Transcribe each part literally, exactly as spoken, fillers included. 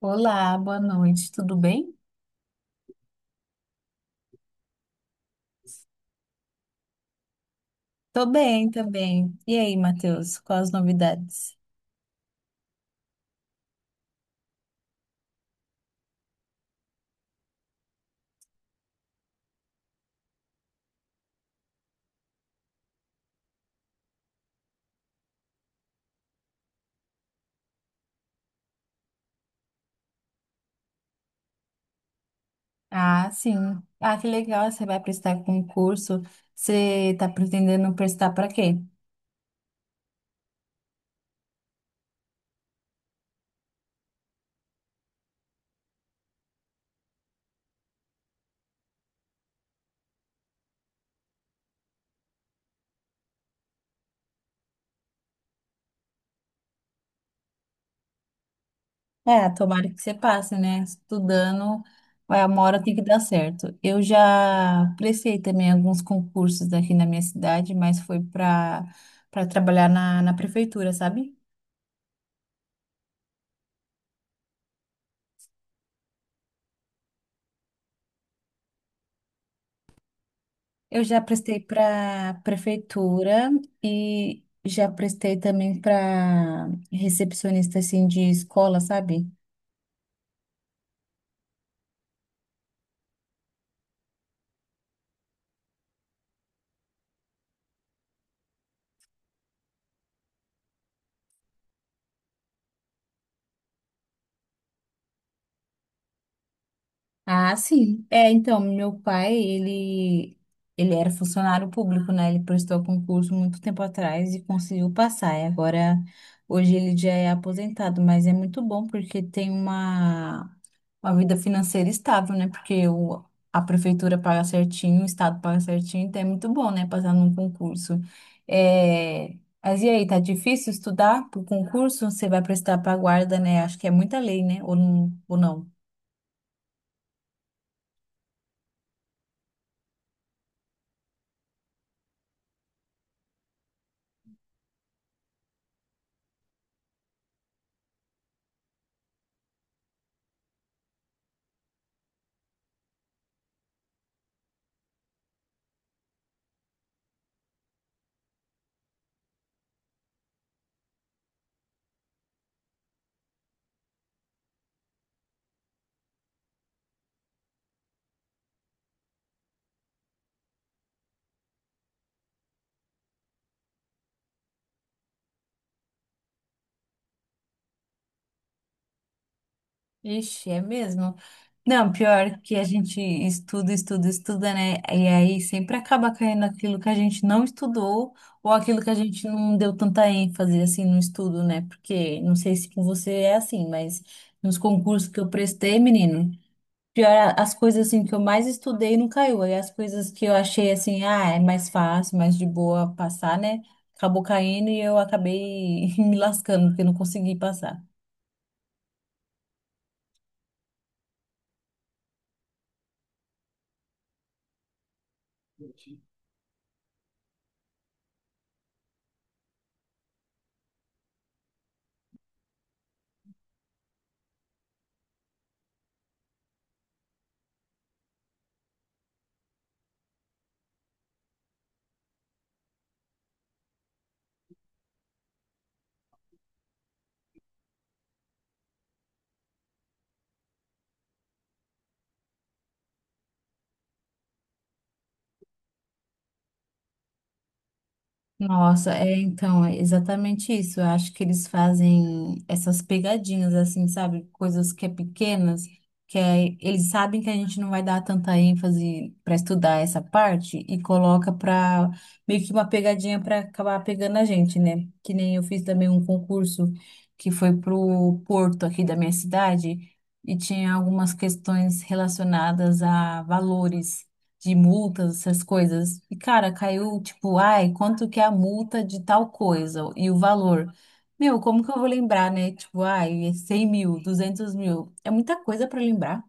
Olá, boa noite, tudo bem? Tô bem também. E aí, Matheus, quais as novidades? Ah, sim. Ah, que legal, você vai prestar concurso. Você tá pretendendo prestar para quê? É, tomara que você passe, né? Estudando, vai, uma hora tem que dar certo. Eu já prestei também alguns concursos aqui na minha cidade, mas foi para para trabalhar na, na prefeitura, sabe? Eu já prestei para prefeitura e já prestei também para recepcionista assim de escola, sabe? Ah, sim. É, então, meu pai, ele ele era funcionário público, né? Ele prestou concurso muito tempo atrás e conseguiu passar. E agora hoje ele já é aposentado, mas é muito bom porque tem uma uma vida financeira estável, né? Porque o, a prefeitura paga certinho, o estado paga certinho, então é muito bom, né? Passar num concurso. É, mas e aí, tá difícil estudar pro concurso? Você vai prestar pra guarda, né? Acho que é muita lei, né? Ou não? Ou não? Ixi, é mesmo. Não, pior que a gente estuda, estuda, estuda, né? E aí sempre acaba caindo aquilo que a gente não estudou ou aquilo que a gente não deu tanta ênfase assim no estudo, né? Porque não sei se com você é assim, mas nos concursos que eu prestei, menino, pior a- as coisas assim que eu mais estudei não caiu. Aí as coisas que eu achei assim, ah, é mais fácil, mais de boa passar, né? Acabou caindo e eu acabei me lascando porque eu não consegui passar. Nossa, é então, é exatamente isso. Eu acho que eles fazem essas pegadinhas, assim, sabe? Coisas que é pequenas, que é, eles sabem que a gente não vai dar tanta ênfase para estudar essa parte e coloca para meio que uma pegadinha para acabar pegando a gente, né? Que nem eu fiz também um concurso que foi pro Porto aqui da minha cidade e tinha algumas questões relacionadas a valores de multas, essas coisas. E, cara, caiu tipo, ai, quanto que é a multa de tal coisa e o valor. Meu, como que eu vou lembrar, né? Tipo, ai, é cem mil, duzentos mil. É muita coisa para lembrar.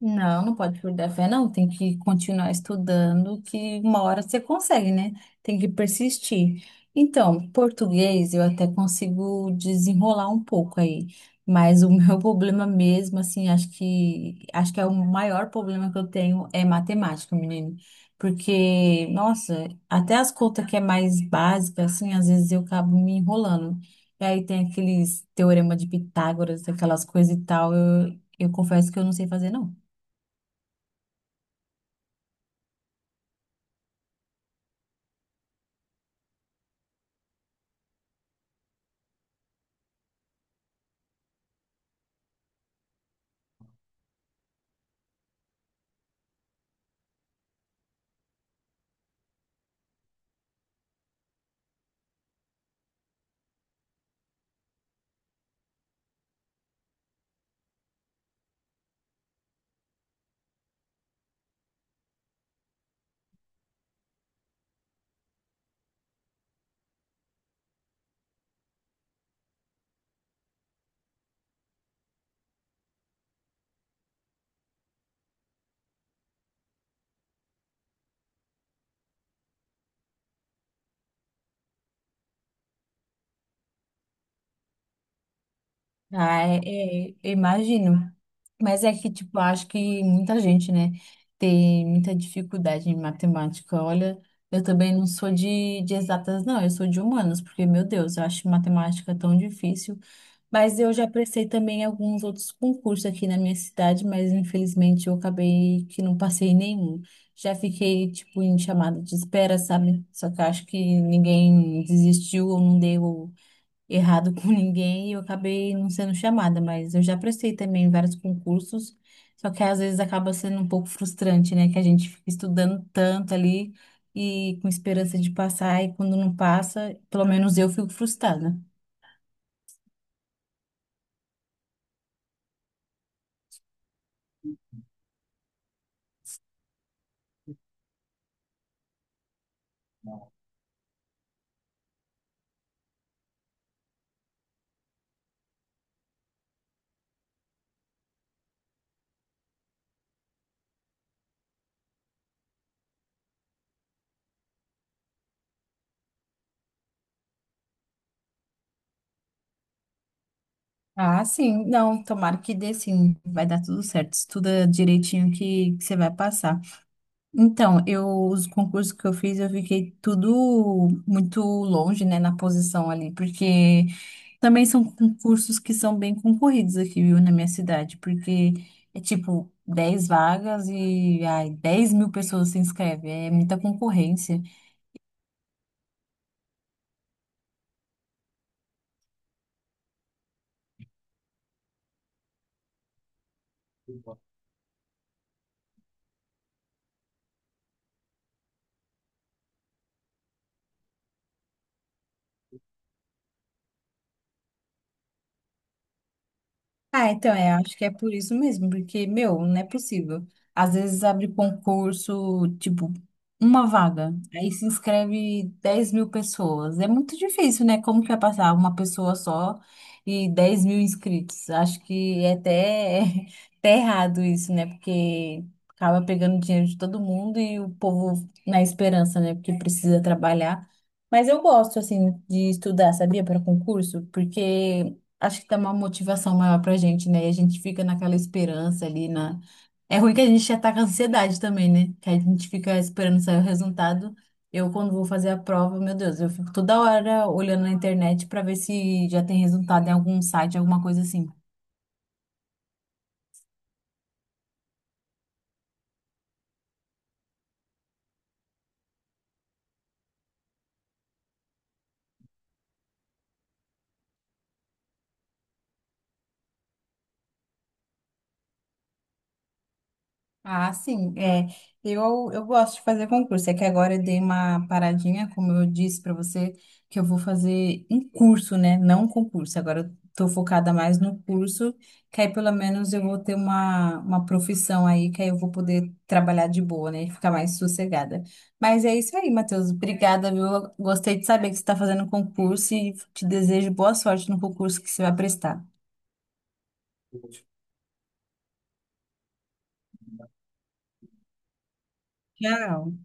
Não, não pode perder a fé, não. Tem que continuar estudando, que uma hora você consegue, né? Tem que persistir. Então, português eu até consigo desenrolar um pouco aí, mas o meu problema mesmo, assim, acho que acho que é o maior problema que eu tenho é matemática, menino. Porque, nossa, até as contas que é mais básica, assim, às vezes eu acabo me enrolando. E aí tem aqueles teorema de Pitágoras, aquelas coisas e tal. Eu, eu confesso que eu não sei fazer, não. Ah, é, é, eu imagino. Mas é que, tipo, eu acho que muita gente, né, tem muita dificuldade em matemática. Olha, eu também não sou de, de exatas, não, eu sou de humanas, porque, meu Deus, eu acho matemática tão difícil. Mas eu já prestei também alguns outros concursos aqui na minha cidade, mas infelizmente eu acabei que não passei em nenhum. Já fiquei, tipo, em chamada de espera, sabe? Só que eu acho que ninguém desistiu ou não deu errado com ninguém e eu acabei não sendo chamada, mas eu já prestei também vários concursos, só que às vezes acaba sendo um pouco frustrante, né? Que a gente fica estudando tanto ali e com esperança de passar, e quando não passa, pelo menos eu fico frustrada. Ah, sim, não, tomara que dê sim, vai dar tudo certo, estuda direitinho que, que você vai passar. Então, eu, os concursos que eu fiz, eu fiquei tudo muito longe, né, na posição ali, porque também são concursos que são bem concorridos aqui, viu, na minha cidade, porque é tipo dez vagas e ai, dez mil pessoas se inscrevem, é muita concorrência. Ah, então, é, acho que é por isso mesmo, porque, meu, não é possível. Às vezes abre concurso, tipo, uma vaga, aí se inscreve dez mil pessoas. É muito difícil, né? Como que vai passar uma pessoa só e dez mil inscritos? Acho que é até, até errado isso, né? Porque acaba pegando dinheiro de todo mundo e o povo na esperança, né? Porque precisa trabalhar. Mas eu gosto, assim, de estudar, sabia, para concurso? Porque acho que dá uma motivação maior pra gente, né? E a gente fica naquela esperança ali na. É ruim que a gente ataca a ansiedade também, né? Que a gente fica esperando sair o resultado. Eu, quando vou fazer a prova, meu Deus, eu fico toda hora olhando na internet pra ver se já tem resultado em algum site, alguma coisa assim. Ah, sim. É, eu, eu gosto de fazer concurso. É que agora eu dei uma paradinha, como eu disse para você, que eu vou fazer um curso, né? Não um concurso. Agora eu tô focada mais no curso, que aí pelo menos eu vou ter uma, uma profissão aí, que aí eu vou poder trabalhar de boa, né? E ficar mais sossegada. Mas é isso aí, Matheus. Obrigada, viu? Eu gostei de saber que você está fazendo concurso e te desejo boa sorte no concurso que você vai prestar. Tchau.